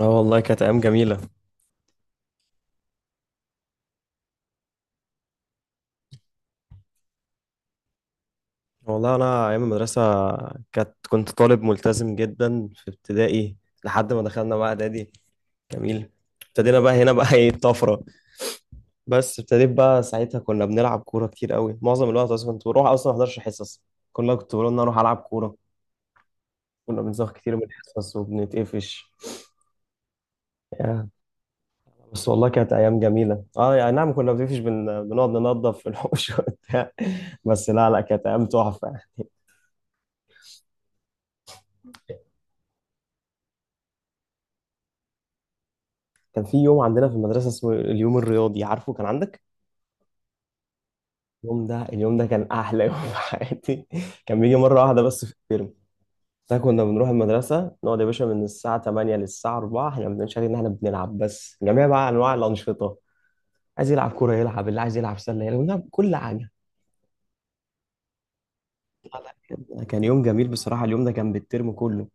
اه والله كانت ايام جميله. والله انا ايام المدرسه كنت طالب ملتزم جدا في ابتدائي لحد ما دخلنا بقى اعدادي. جميل. ابتدينا بقى هنا بقى ايه الطفره؟ بس ابتديت بقى ساعتها كنا بنلعب كوره كتير قوي، معظم الوقت اصلا كنت بروح اصلا ما احضرش حصص كلها، كنت بقول ان انا اروح العب كوره. كنا بنزغ كتير من الحصص وبنتقفش. يا، بس والله كانت ايام جميله. اه يعني نعم كنا بنتقفش بنقعد ننضف في الحوش وبتاع. بس لا لا كانت ايام تحفه. كان في يوم عندنا في المدرسة اسمه اليوم الرياضي، عارفه كان عندك؟ اليوم ده اليوم ده كان أحلى يوم في حياتي. كان بيجي مرة واحدة بس في الترم. ده كنا بنروح المدرسة نقعد يا باشا من الساعة 8 للساعة 4، احنا بنشغل إن احنا بنلعب بس جميع بقى أنواع الأنشطة. عايز يلعب كورة يلعب، اللي عايز يلعب سلة يلعب، بنلعب كل حاجة. كان يوم جميل بصراحة، اليوم ده كان بالترم كله.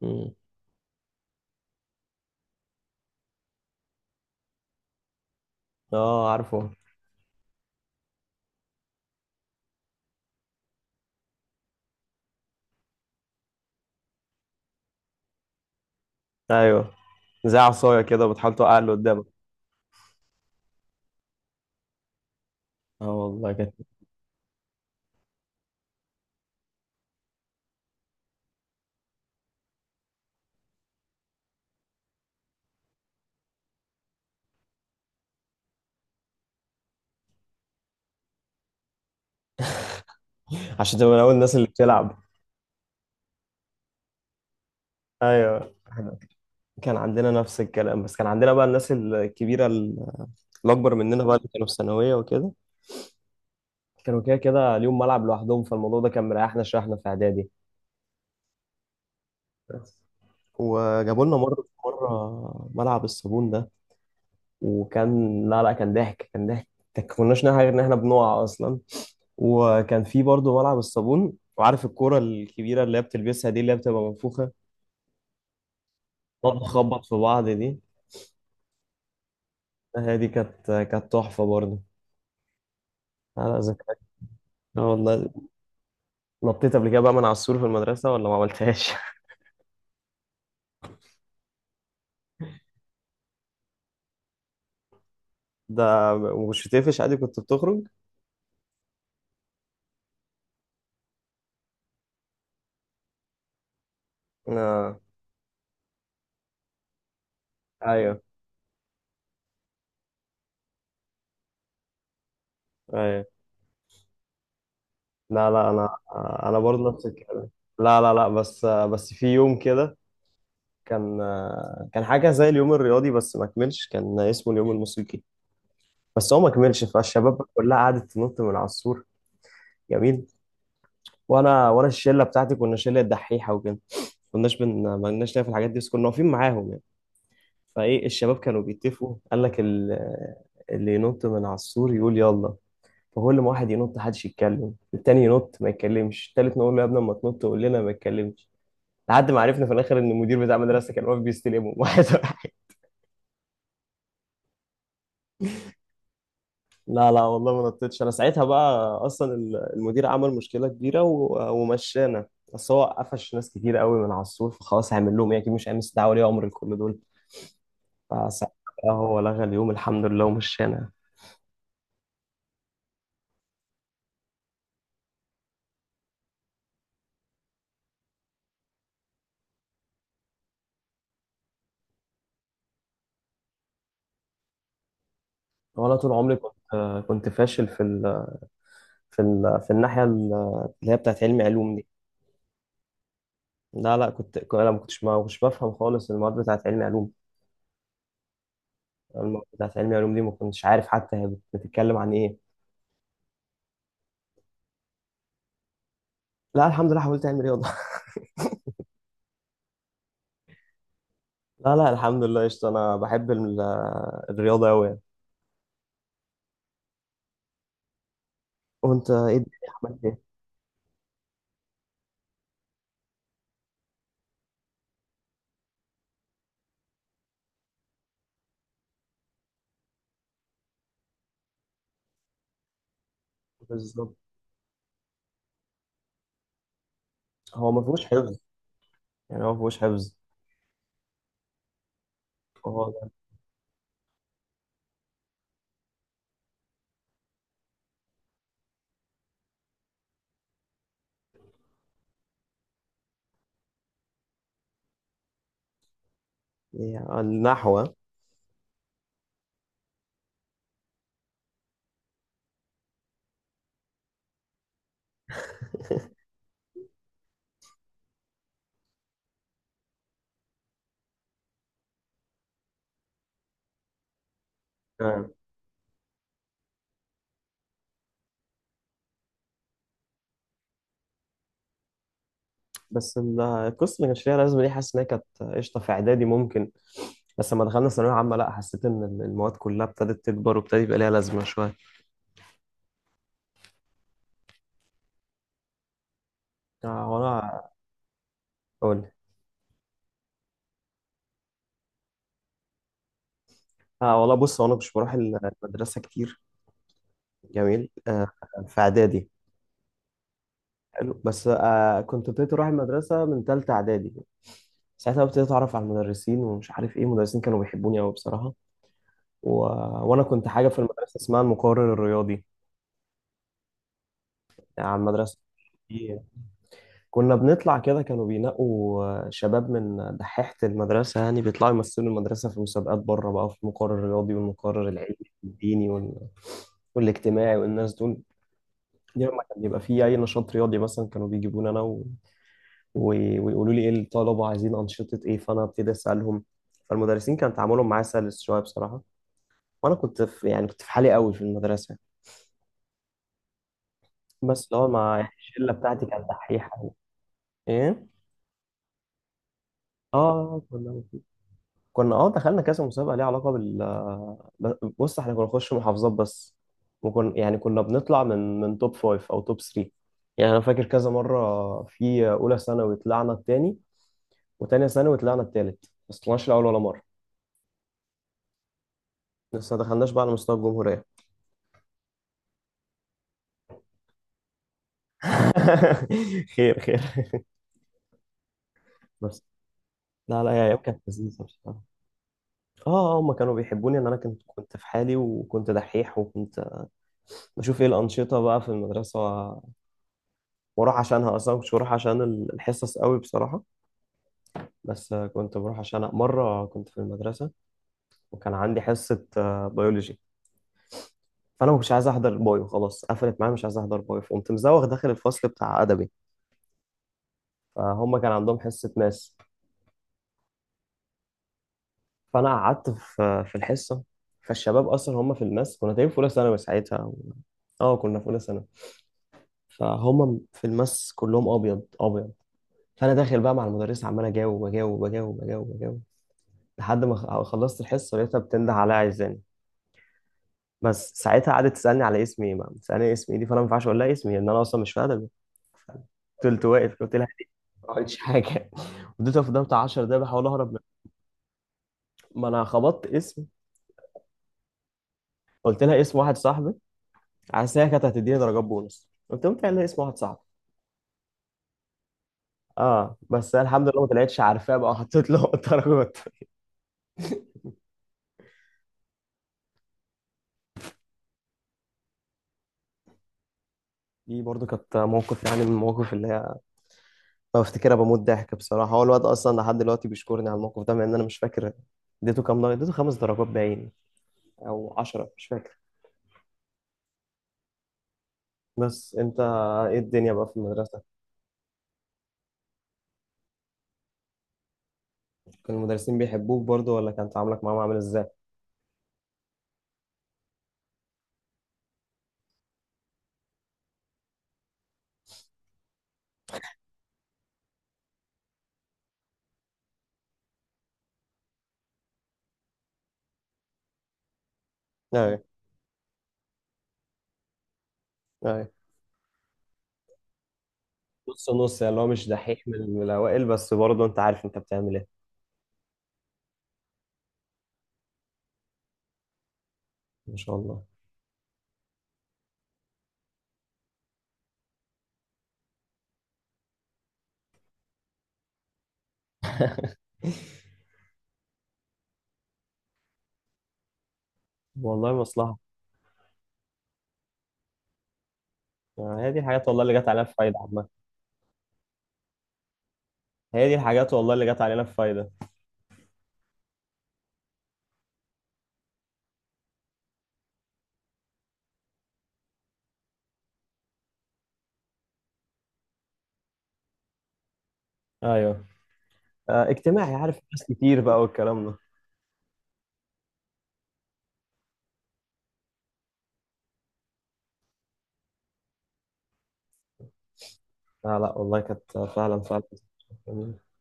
مم. اه عارفه. ايوه، زي عصاية كده بتحاول توقع اللي قدامك. اه والله كده. عشان تبقى من أول الناس اللي بتلعب. ايوه كان عندنا نفس الكلام، بس كان عندنا بقى الناس الكبيرة الأكبر مننا بقى اللي كانوا في ثانوية وكده، كانوا كده كده ليهم ملعب لوحدهم، فالموضوع ده كان مريحنا شوية احنا في إعدادي. وجابوا لنا مرة مرة ملعب الصابون ده، وكان لا لا كان ضحك كان ضحك، ما كناش نعرف غير إن إحنا بنقع أصلا. وكان في برضه ملعب الصابون، وعارف الكرة الكبيرة اللي هي بتلبسها دي اللي هي بتبقى منفوخة تقعد تخبط في بعض دي؟ هي دي كانت تحفة برضه. لا لا ذكريات. اه والله. نطيت قبل كده بقى من على السور في المدرسة ولا ما عملتهاش؟ ده مش بتقفش عادي كنت بتخرج؟ آه. ايوه ايوه. لا لا انا برضه نفس الكلام. لا لا لا، بس في يوم كده، كان كان حاجة زي اليوم الرياضي بس ما كملش، كان اسمه اليوم الموسيقي بس هو ما كملش، فالشباب بقى كلها قعدت تنط من على السور. جميل. وانا الشلة بتاعتي كنا شلة دحيحة وكده، كناش ما لناش ليا في الحاجات دي بس كنا واقفين معاهم يعني. فايه الشباب كانوا بيتفقوا، قال لك اللي ينط من على السور يقول يلا، فكل ما واحد ينط محدش يتكلم، التاني ينط ما يتكلمش، التالت نقول له يا ابني اما تنط قول لنا ما يتكلمش. لحد ما عرفنا في الاخر ان المدير بتاع المدرسه كان واقف بيستلمهم واحد واحد. لا لا والله ما نطيتش، انا ساعتها بقى اصلا المدير عمل مشكله كبيره ومشانا. بس هو قفش ناس كتير قوي من على السور، فخلاص هيعمل لهم ايه؟ اكيد مش هيعمل استدعاء ولي امر لكل دول. فساعتها هو لغى اليوم الحمد لله ومشانا. وانا طول عمري كنت كنت فاشل في الناحيه اللي هي بتاعت علمي علوم دي. لا لا انا ما كنتش بفهم خالص المواد بتاعت علمي علوم. المواد بتاعت علمي علوم دي ما كنتش عارف حتى هي بتتكلم عن ايه. لا الحمد لله حاولت اعمل رياضه. لا لا الحمد لله قشطه، انا بحب الرياضه قوي يعني. وانت ايه الدنيا عملت ايه؟ بالظبط. هو ما فيهوش حفظ. يعني هو ما فيهوش حفظ. هو ده. يعني النحو. بس القصه اللي كانش ليها لازمه دي حاسس ان هي كانت قشطه في اعدادي ممكن، بس لما دخلنا ثانويه عامه لا حسيت ان المواد كلها ابتدت تكبر وابتدى يبقى ليها لازمه شويه. وانا اقول لك. اه والله بص، هو انا مش بروح المدرسه كتير. جميل آه. في اعدادي. حلو. بس آه كنت ابتديت اروح المدرسه من ثالثه اعدادي. ساعتها بقى ابتديت اتعرف على المدرسين ومش عارف ايه، المدرسين كانوا بيحبوني قوي بصراحه. و... وانا كنت حاجه في المدرسه اسمها المقرر الرياضي. يعني على المدرسه كنا بنطلع كده، كانوا بينقوا شباب من دحيحة المدرسة يعني بيطلعوا يمثلوا المدرسة في مسابقات بره بقى في المقرر الرياضي والمقرر العلمي والديني والاجتماعي والناس دول. دي لما كان بيبقى فيه أي نشاط رياضي مثلا كانوا بيجيبوني أنا و... ويقولوا لي إيه الطلبة عايزين أنشطة إيه، فأنا أبتدي أسألهم. فالمدرسين كان تعاملهم معايا سلس شوية بصراحة. وأنا كنت في يعني كنت في حالي قوي في المدرسة، بس اللي هو مع الشلة بتاعتي كانت دحيحة يعني. إيه؟ آه كنا دخلنا كذا مسابقه ليها علاقه بال بص احنا كنا نخش محافظات بس، وكنا يعني كنا بنطلع من توب فايف او توب 3. يعني انا فاكر كذا مره في اولى ثانوي طلعنا التاني، وتانية ثانوي طلعنا التالت، بس طلعناش الاول ولا مره. لسه ما دخلناش بقى على مستوى الجمهوريه. خير خير. بس لا لا يا ايام كانت لذيذه بصراحه. اه. هما كانوا بيحبوني ان انا كنت في حالي وكنت دحيح وكنت بشوف ايه الانشطه بقى في المدرسه، بروح عشانها اصلا مش بروح عشان الحصص قوي بصراحه. بس كنت بروح. عشان مره كنت في المدرسه وكان عندي حصه بيولوجي، فانا ما كنتش عايز احضر بايو، خلاص قفلت معايا مش عايز احضر بايو، فقمت مزوغ داخل الفصل بتاع ادبي. فهم كان عندهم حصه ماس. فانا قعدت في الحصه. فالشباب اصلا هم في الماس، كنا تقريبا في اولى ثانوي ساعتها اه كنا في اولى ثانوي. فهم في الماس كلهم ابيض ابيض. فانا داخل بقى مع المدرسه عمال اجاوب، لحد ما خلصت الحصه لقيتها بتنده عليا عايزاني. بس ساعتها قعدت تسالني على اسمي ايه بقى، تسالني اسمي ايه دي فانا ما ينفعش اقول لها اسمي لان انا اصلا مش في ادبي. فضلت واقف قلت لها إيه؟ ما عملتش حاجه. فضلت واقف قدام بتاع 10 دقايق بحاول اهرب منها. ما انا خبطت اسم، قلت لها اسم واحد صاحبي، عشان هي كانت هتديني درجات بونص قلت لهم قايل لها اسم واحد صاحبي. اه بس أنا الحمد لله ما طلعتش عارفاه بقى وحطيت له درجات. دي برضو كانت موقف يعني من المواقف اللي هي بفتكرها بموت ضحك بصراحة، هو الواد أصلا لحد دلوقتي بيشكرني على الموقف ده مع إن أنا مش فاكر اديته كام درجة، اديته 5 درجات باين أو 10 مش فاكر. بس أنت إيه الدنيا بقى في المدرسة؟ كان المدرسين بيحبوك برضو ولا كان تعاملك معاهم عامل إزاي؟ أيوه أيوه. نص نص يعني، اللي هو مش دحيح من الأوائل بس برضو أنت عارف أنت بتعمل إيه. ما شاء الله. والله مصلحة. هي دي الحاجات والله اللي جت علينا في فايدة عامة. هي دي الحاجات والله اللي جت علينا في فايدة. أيوه. اجتماعي، عارف ناس كتير بقى والكلام ده. لا لا والله كانت فعلا فعلا جميلة.